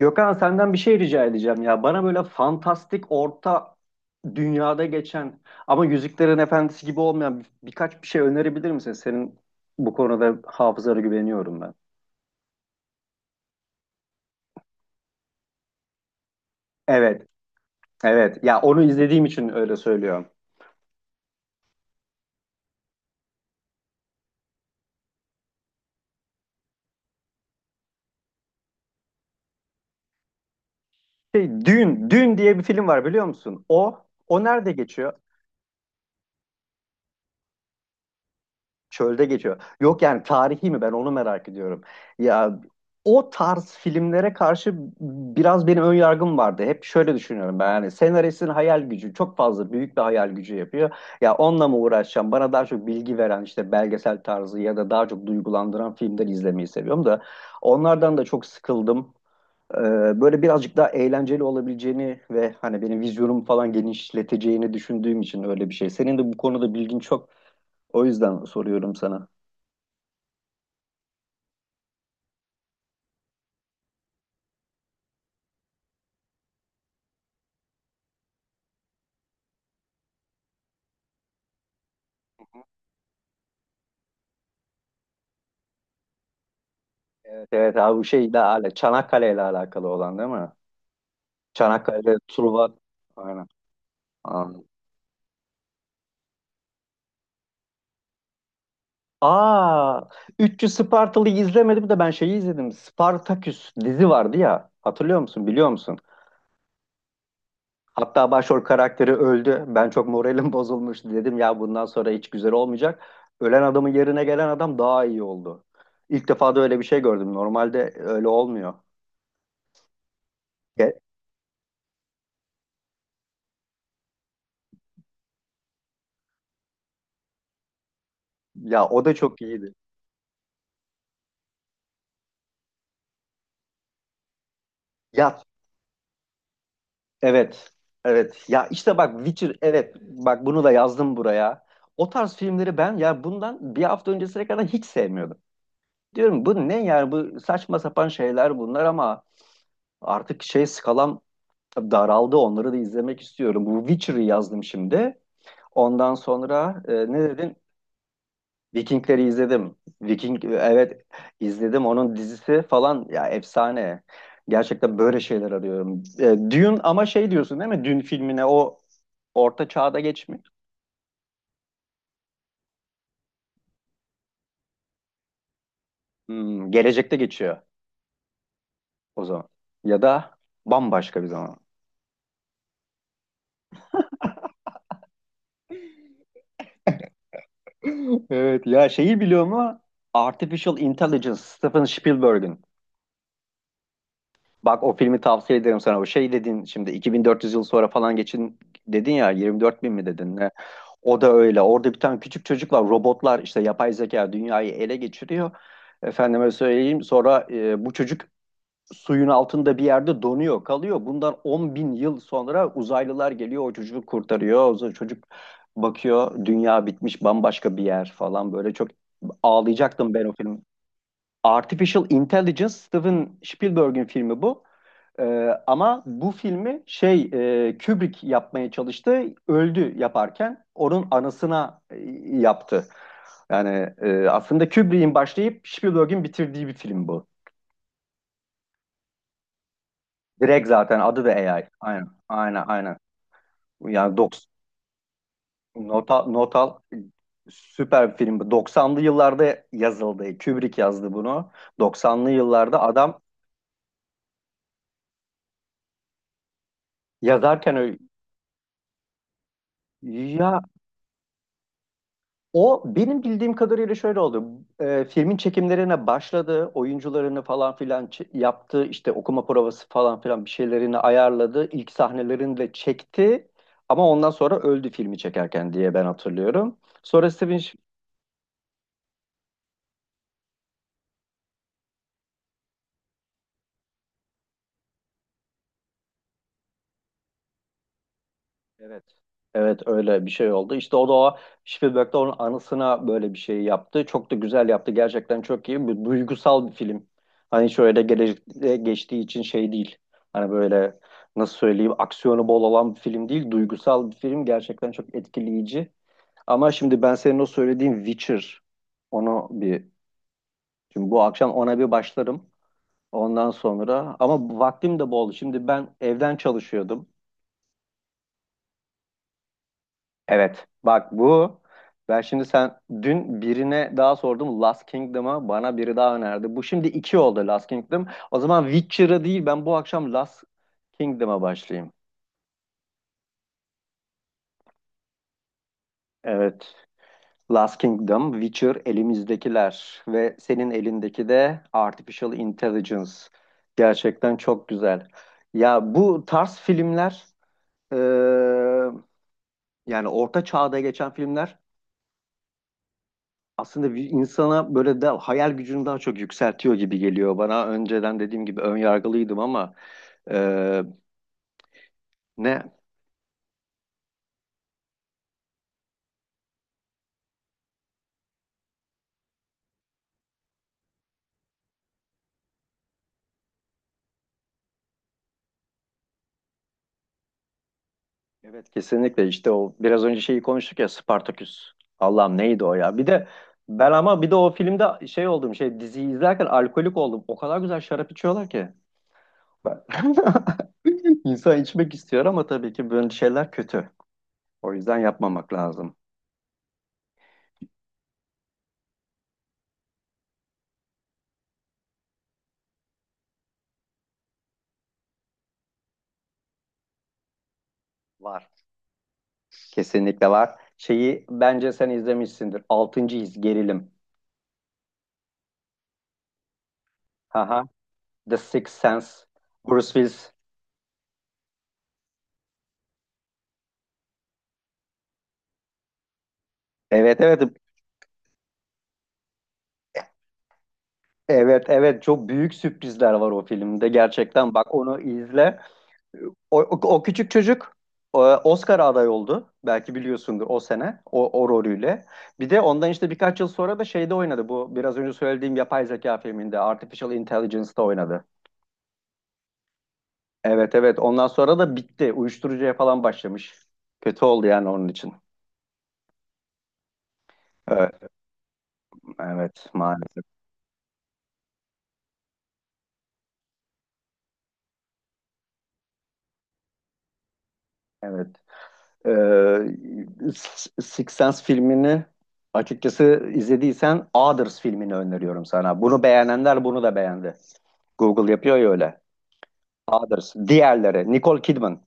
Gökhan senden bir şey rica edeceğim ya. Bana böyle fantastik orta dünyada geçen ama Yüzüklerin Efendisi gibi olmayan birkaç bir şey önerebilir misin? Senin bu konuda hafızana güveniyorum ben. Evet, evet. Ya onu izlediğim için öyle söylüyorum. Şey, Dün diye bir film var biliyor musun? O, o nerede geçiyor? Çölde geçiyor. Yok yani tarihi mi ben onu merak ediyorum. Ya o tarz filmlere karşı biraz benim ön yargım vardı. Hep şöyle düşünüyorum ben yani senaristin hayal gücü çok fazla büyük bir hayal gücü yapıyor. Ya onunla mı uğraşacağım? Bana daha çok bilgi veren işte belgesel tarzı ya da daha çok duygulandıran filmler izlemeyi seviyorum da onlardan da çok sıkıldım. Böyle birazcık daha eğlenceli olabileceğini ve hani benim vizyonumu falan genişleteceğini düşündüğüm için öyle bir şey. Senin de bu konuda bilgin çok. O yüzden soruyorum sana. Evet, evet abi bu şeyle alakalı. Çanakkale ile alakalı olan değil mi? Çanakkale'de Truva. Aynen. Anladım. Aa, 300 Spartalı'yı izlemedim de ben şeyi izledim. Spartaküs dizi vardı ya. Hatırlıyor musun? Biliyor musun? Hatta başrol karakteri öldü. Ben çok moralim bozulmuştu. Dedim ya bundan sonra hiç güzel olmayacak. Ölen adamın yerine gelen adam daha iyi oldu. İlk defa da öyle bir şey gördüm. Normalde öyle olmuyor. Ya, ya, o da çok iyiydi. Ya evet. Evet. Ya işte bak Witcher evet. Bak bunu da yazdım buraya. O tarz filmleri ben ya bundan bir hafta öncesine kadar hiç sevmiyordum. Diyorum bu ne yani bu saçma sapan şeyler bunlar ama artık şey skalam daraldı. Onları da izlemek istiyorum. Bu Witcher'ı yazdım şimdi. Ondan sonra ne dedin? Vikingleri izledim. Viking evet izledim. Onun dizisi falan ya efsane. Gerçekten böyle şeyler arıyorum. E, Dune ama şey diyorsun değil mi? Dune filmine o orta çağda geçmiyor. Hmm, gelecekte geçiyor o zaman. Ya da bambaşka bir zaman. Evet ya şeyi biliyor mu? Artificial Intelligence Steven Spielberg'in. Bak o filmi tavsiye ederim sana. O şey dedin şimdi 2400 yıl sonra falan geçin dedin ya 24 bin mi dedin? O da öyle. Orada bir tane küçük çocuk var. Robotlar işte yapay zeka dünyayı ele geçiriyor. Efendime söyleyeyim. Sonra bu çocuk suyun altında bir yerde donuyor, kalıyor. Bundan 10 bin yıl sonra uzaylılar geliyor, o çocuğu kurtarıyor. O zaman çocuk bakıyor, dünya bitmiş, bambaşka bir yer falan. Böyle çok ağlayacaktım ben o film. Artificial Intelligence, Steven Spielberg'in filmi bu. Ee, ama bu filmi şey Kubrick yapmaya çalıştı. Öldü yaparken. Onun anısına yaptı. Yani aslında Kubrick'in başlayıp Spielberg'in bitirdiği bir film bu. Direkt zaten adı da AI. Aynen. Aynen. Yani 90 Notal süper bir film. Bu. 90'lı yıllarda yazıldı. Kubrick yazdı bunu. Doksanlı yıllarda adam yazarken öyle, ya O benim bildiğim kadarıyla şöyle oldu. Filmin çekimlerine başladı, oyuncularını falan filan yaptı, işte okuma provası falan filan bir şeylerini ayarladı, ilk sahnelerini de çekti. Ama ondan sonra öldü filmi çekerken diye ben hatırlıyorum. Sonra Steven evet. Evet öyle bir şey oldu. İşte o da o Spielberg'de onun anısına böyle bir şey yaptı. Çok da güzel yaptı. Gerçekten çok iyi. Bir duygusal bir film. Hani şöyle gelecekte geçtiği için şey değil. Hani böyle nasıl söyleyeyim aksiyonu bol olan bir film değil. Duygusal bir film. Gerçekten çok etkileyici. Ama şimdi ben senin o söylediğin Witcher onu bir şimdi bu akşam ona bir başlarım. Ondan sonra ama vaktim de bol. Şimdi ben evden çalışıyordum. Evet. Bak bu ben şimdi sen dün birine daha sordum Last Kingdom'a bana biri daha önerdi. Bu şimdi iki oldu Last Kingdom. O zaman Witcher'a değil ben bu akşam Last Kingdom'a başlayayım. Evet. Last Kingdom, Witcher elimizdekiler ve senin elindeki de Artificial Intelligence. Gerçekten çok güzel. Ya bu tarz filmler eee, yani orta çağda geçen filmler aslında bir insana böyle de hayal gücünü daha çok yükseltiyor gibi geliyor bana. Önceden dediğim gibi ön yargılıydım ama e, ne? Evet kesinlikle işte o biraz önce şeyi konuştuk ya Spartaküs. Allah'ım neydi o ya? Bir de ben ama bir de o filmde şey oldum şey diziyi izlerken alkolik oldum. O kadar güzel şarap içiyorlar ki. Ben- İnsan içmek istiyor ama tabii ki böyle şeyler kötü. O yüzden yapmamak lazım. Var. Kesinlikle var. Şeyi bence sen izlemişsindir. Altıncı his gerilim. The Sixth Sense, Bruce Willis. Evet evet evet, evet, çok büyük sürprizler var o filmde gerçekten bak onu izle. O küçük çocuk Oscar aday oldu. Belki biliyorsundur o sene o, o rolüyle. Bir de ondan işte birkaç yıl sonra da şeyde oynadı bu biraz önce söylediğim yapay zeka filminde Artificial Intelligence'da oynadı. Evet evet ondan sonra da bitti. Uyuşturucuya falan başlamış. Kötü oldu yani onun için. Evet, evet maalesef. Evet. Ee, Six Sense filmini açıkçası izlediysen Others filmini öneriyorum sana. Bunu beğenenler bunu da beğendi. Google yapıyor ya öyle. Others. Diğerleri. Nicole Kidman.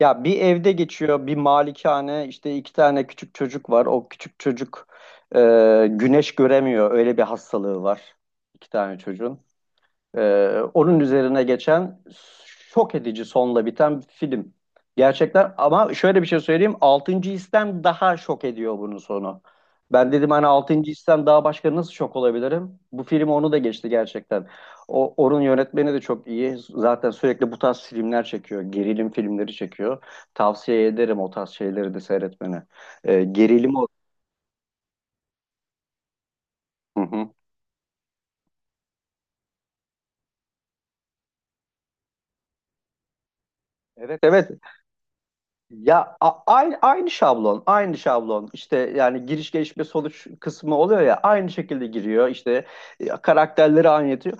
Ya bir evde geçiyor, bir malikane, işte iki tane küçük çocuk var. O küçük çocuk e, güneş göremiyor. Öyle bir hastalığı var. İki tane çocuğun. Onun üzerine geçen şok edici sonla biten bir film. Gerçekten ama şöyle bir şey söyleyeyim. Altıncı histen daha şok ediyor bunun sonu. Ben dedim hani altıncı histen daha başka nasıl şok olabilirim? Bu film onu da geçti gerçekten. Onun yönetmeni de çok iyi. Zaten sürekli bu tarz filmler çekiyor. Gerilim filmleri çekiyor. Tavsiye ederim o tarz şeyleri de seyretmeni. Gerilim o. Hı hı. Evet evet ya aynı şablon, aynı şablon. İşte yani giriş gelişme sonuç kısmı oluyor ya aynı şekilde giriyor. İşte karakterleri anlatıyor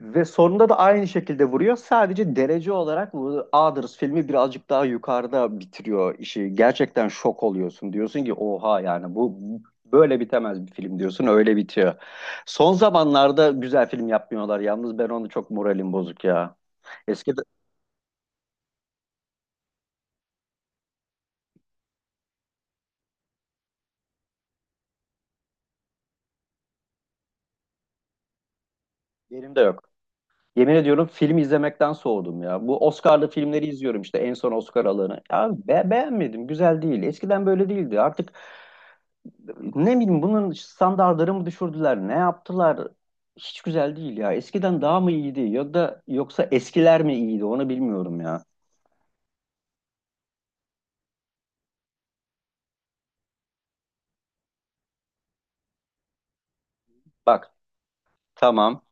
ve sonunda da aynı şekilde vuruyor. Sadece derece olarak bu Others filmi birazcık daha yukarıda bitiriyor işi. Gerçekten şok oluyorsun. Diyorsun ki oha yani bu böyle bitemez bir film diyorsun. Öyle bitiyor. Son zamanlarda güzel film yapmıyorlar yalnız ben onu çok moralim bozuk ya. Eskide yerimde yok. Yemin ediyorum film izlemekten soğudum ya. Bu Oscar'lı filmleri izliyorum işte en son Oscar alanı. Ya beğenmedim, güzel değil. Eskiden böyle değildi. Artık ne bileyim bunun standartları mı düşürdüler, ne yaptılar? Hiç güzel değil ya. Eskiden daha mı iyiydi ya da yoksa eskiler mi iyiydi onu bilmiyorum ya. Bak tamam,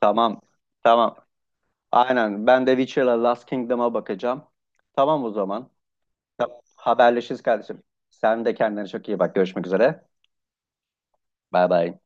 tamam, tamam. Aynen ben de Witcher'la Last Kingdom'a bakacağım. Tamam o zaman. Haberleşiriz kardeşim. Sen de kendine çok iyi bak. Görüşmek üzere. Bay bay.